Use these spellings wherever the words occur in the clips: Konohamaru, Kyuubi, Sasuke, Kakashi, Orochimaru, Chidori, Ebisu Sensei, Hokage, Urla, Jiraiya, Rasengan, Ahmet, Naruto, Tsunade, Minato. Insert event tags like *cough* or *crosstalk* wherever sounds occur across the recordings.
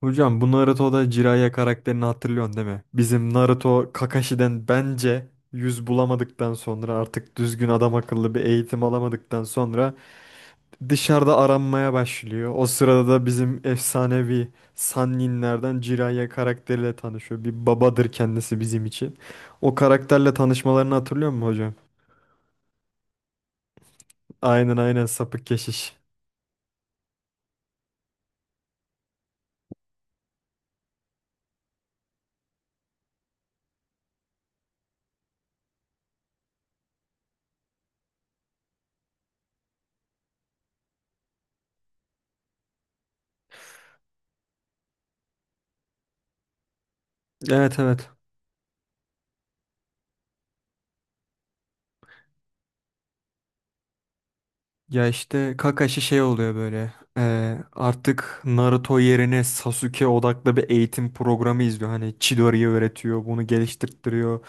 Hocam bu Naruto'da Jiraiya karakterini hatırlıyorsun değil mi? Bizim Naruto Kakashi'den bence yüz bulamadıktan sonra artık düzgün adam akıllı bir eğitim alamadıktan sonra dışarıda aranmaya başlıyor. O sırada da bizim efsanevi Sanninlerden Jiraiya karakteriyle tanışıyor. Bir babadır kendisi bizim için. O karakterle tanışmalarını hatırlıyor musun hocam? Aynen, aynen, sapık keşiş. Evet, evet. Ya işte Kakashi şey oluyor böyle. Artık Naruto yerine Sasuke odaklı bir eğitim programı izliyor. Hani Chidori'yi öğretiyor, bunu geliştirtiyor,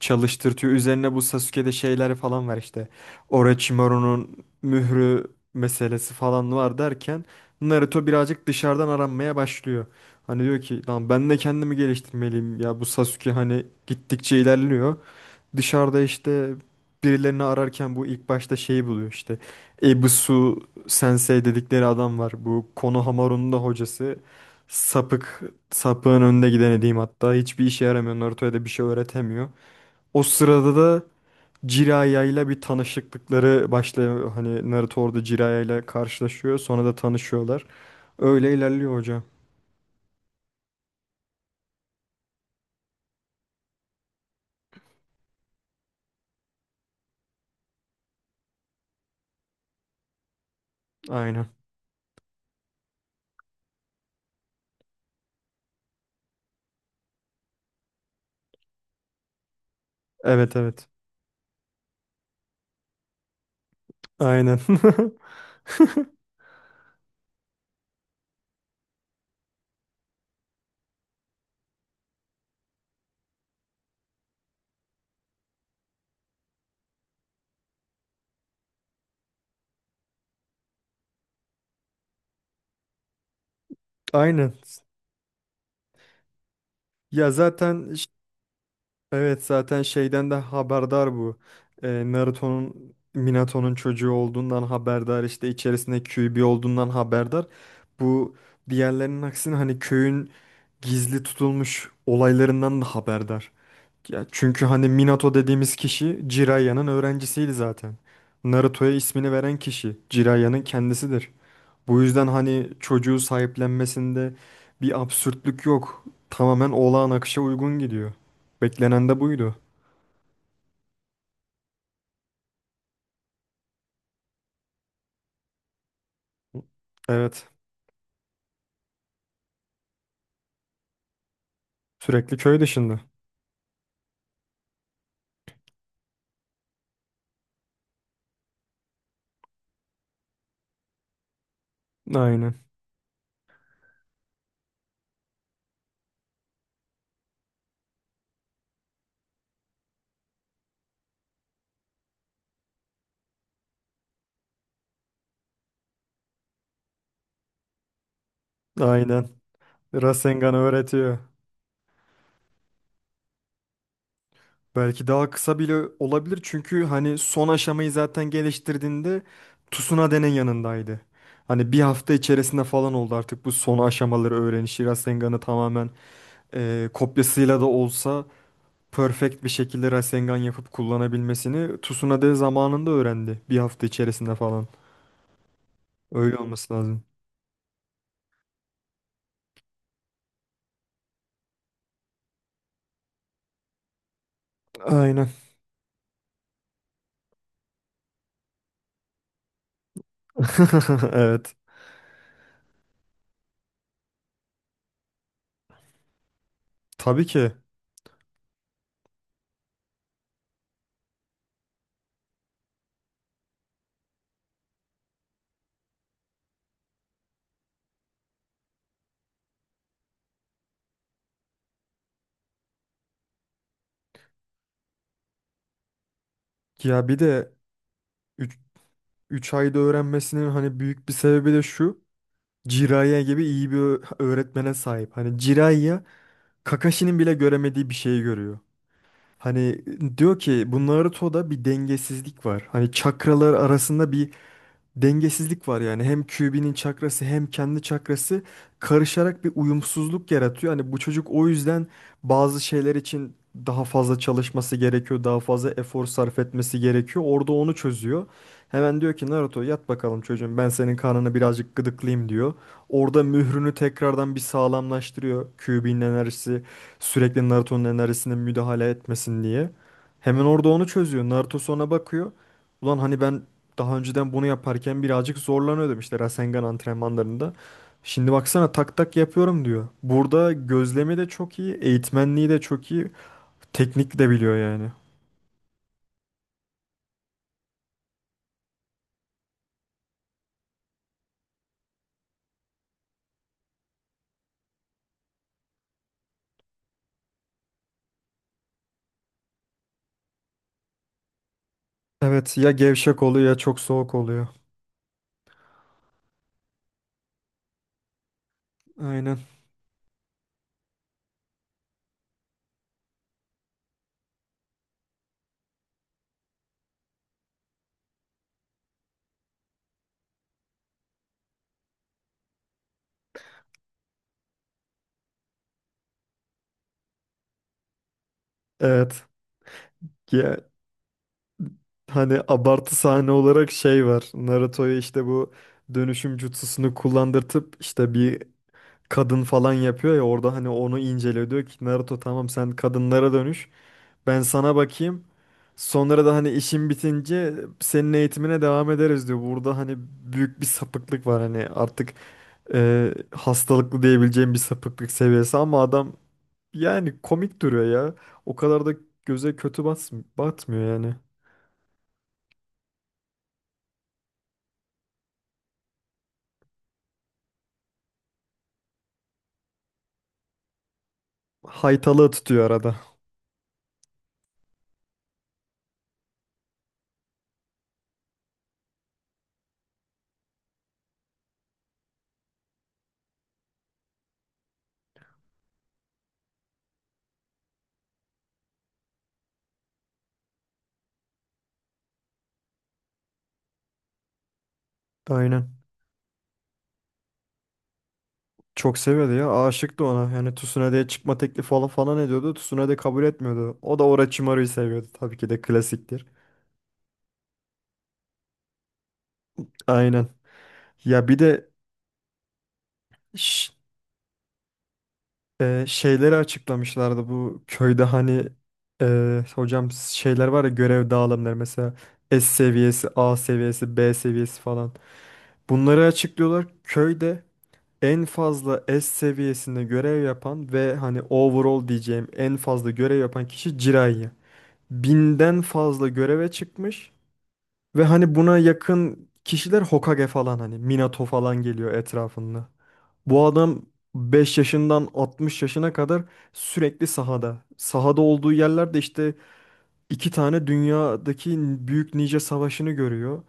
çalıştırtıyor. Üzerine bu Sasuke'de şeyler falan var işte. Orochimaru'nun mührü meselesi falan var derken Naruto birazcık dışarıdan aranmaya başlıyor. Hani diyor ki lan ben de kendimi geliştirmeliyim. Ya bu Sasuke hani gittikçe ilerliyor. Dışarıda işte birilerini ararken bu ilk başta şeyi buluyor işte. Ebisu Sensei dedikleri adam var. Bu Konohamaru'nun da hocası. Sapık, sapığın önde gideni diyeyim hatta. Hiçbir işe yaramıyor. Naruto'ya da bir şey öğretemiyor. O sırada da Jiraiya ile bir tanışıklıkları başlıyor. Hani Naruto orada Jiraiya ile karşılaşıyor. Sonra da tanışıyorlar. Öyle ilerliyor hocam. Aynen. Evet, evet. Aynen. *laughs* Aynen. Ya zaten. Evet, zaten şeyden de haberdar bu. Naruto'nun Minato'nun çocuğu olduğundan haberdar, işte içerisinde Kyuubi bir olduğundan haberdar. Bu diğerlerinin aksine hani köyün gizli tutulmuş olaylarından da haberdar. Ya çünkü hani Minato dediğimiz kişi Jiraiya'nın öğrencisiydi zaten. Naruto'ya ismini veren kişi Jiraiyanın kendisidir. Bu yüzden hani çocuğu sahiplenmesinde bir absürtlük yok. Tamamen olağan akışa uygun gidiyor. Beklenen de buydu. Evet. Sürekli köy dışında. Aynen. Aynen. Rasengan öğretiyor. Belki daha kısa bile olabilir çünkü hani son aşamayı zaten geliştirdiğinde Tsunade'nin yanındaydı. Hani bir hafta içerisinde falan oldu artık bu son aşamaları öğrenişi. Rasengan'ı tamamen kopyasıyla da olsa perfect bir şekilde Rasengan yapıp kullanabilmesini Tsunade zamanında öğrendi. Bir hafta içerisinde falan. Öyle olması lazım. Aynen. *laughs* Evet. Tabii ki. Ya bir de 3 ayda öğrenmesinin hani büyük bir sebebi de şu. Jiraiya gibi iyi bir öğretmene sahip. Hani Jiraiya Kakashi'nin bile göremediği bir şeyi görüyor. Hani diyor ki bu Naruto'da bir dengesizlik var. Hani çakralar arasında bir dengesizlik var yani. Hem QB'nin çakrası hem kendi çakrası karışarak bir uyumsuzluk yaratıyor. Hani bu çocuk o yüzden bazı şeyler için daha fazla çalışması gerekiyor, daha fazla efor sarf etmesi gerekiyor. Orada onu çözüyor. Hemen diyor ki Naruto yat bakalım çocuğum, ben senin karnını birazcık gıdıklayayım diyor. Orada mührünü tekrardan bir sağlamlaştırıyor. QB'nin enerjisi sürekli Naruto'nun enerjisine müdahale etmesin diye. Hemen orada onu çözüyor. Naruto sonra bakıyor. Ulan hani ben daha önceden bunu yaparken birazcık zorlanıyordum işte Rasengan antrenmanlarında. Şimdi baksana tak tak yapıyorum diyor. Burada gözlemi de çok iyi, eğitmenliği de çok iyi, teknik de biliyor yani. Evet, ya gevşek oluyor ya çok soğuk oluyor. Aynen. Evet. Ya, hani abartı sahne olarak şey var. Naruto'ya işte bu dönüşüm jutsusunu kullandırtıp işte bir kadın falan yapıyor ya orada, hani onu inceliyor. Diyor ki Naruto tamam sen kadınlara dönüş. Ben sana bakayım. Sonra da hani işin bitince senin eğitimine devam ederiz diyor. Burada hani büyük bir sapıklık var, hani artık hastalıklı diyebileceğim bir sapıklık seviyesi, ama adam yani komik duruyor ya. O kadar da göze kötü batmıyor yani. Haytalığı tutuyor arada. Aynen. Çok seviyordu ya. Aşıktı ona. Yani Tsunade'ye çıkma teklifi falan falan ediyordu. Tsunade kabul etmiyordu. O da Orochimaru'yu seviyordu. Tabii ki de klasiktir. Aynen. Ya bir de. Şşş, Şeyleri açıklamışlardı bu köyde, hani hocam şeyler var ya, görev dağılımları mesela S seviyesi, A seviyesi, B seviyesi falan. Bunları açıklıyorlar. Köyde en fazla S seviyesinde görev yapan ve hani overall diyeceğim en fazla görev yapan kişi Jiraiya. 1.000'den fazla göreve çıkmış ve hani buna yakın kişiler Hokage falan, hani Minato falan geliyor etrafında. Bu adam 5 yaşından 60 yaşına kadar sürekli sahada. Sahada olduğu yerlerde işte 2 tane dünyadaki büyük nice savaşını görüyor.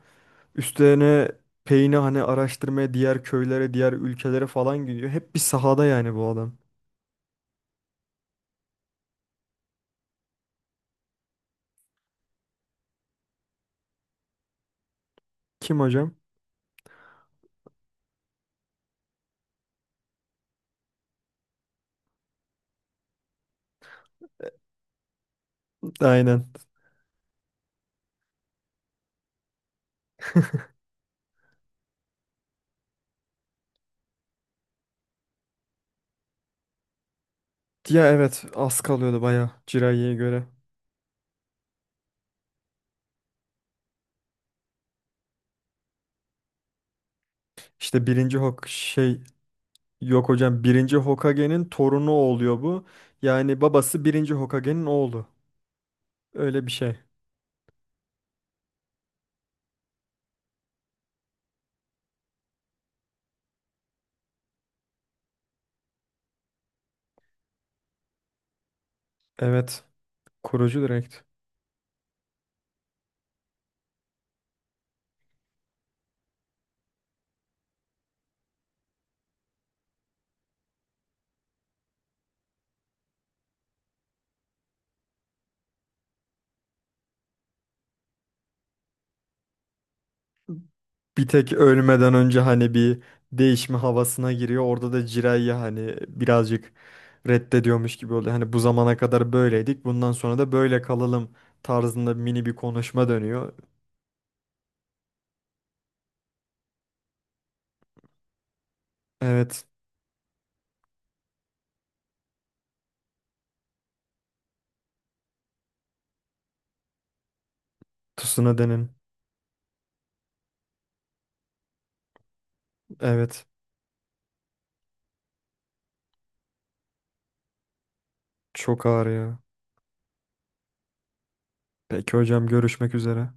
Üstlerine peyni hani araştırmaya diğer köylere, diğer ülkelere falan gidiyor. Hep bir sahada yani bu adam. Kim hocam? Aynen. Ya evet, az kalıyordu bayağı Jiraiya'ya göre. İşte birinci Hok, şey, yok hocam, birinci Hokage'nin torunu oluyor bu. Yani babası birinci Hokage'nin oğlu. Öyle bir şey. Evet. Kurucu direkt. Bir tek ölmeden önce hani bir değişme havasına giriyor. Orada da Jiraiya hani birazcık reddediyormuş gibi oluyor. Hani bu zamana kadar böyleydik. Bundan sonra da böyle kalalım tarzında mini bir konuşma dönüyor. Evet. Tsunada'nın. Evet. Çok ağır ya. Peki hocam görüşmek üzere.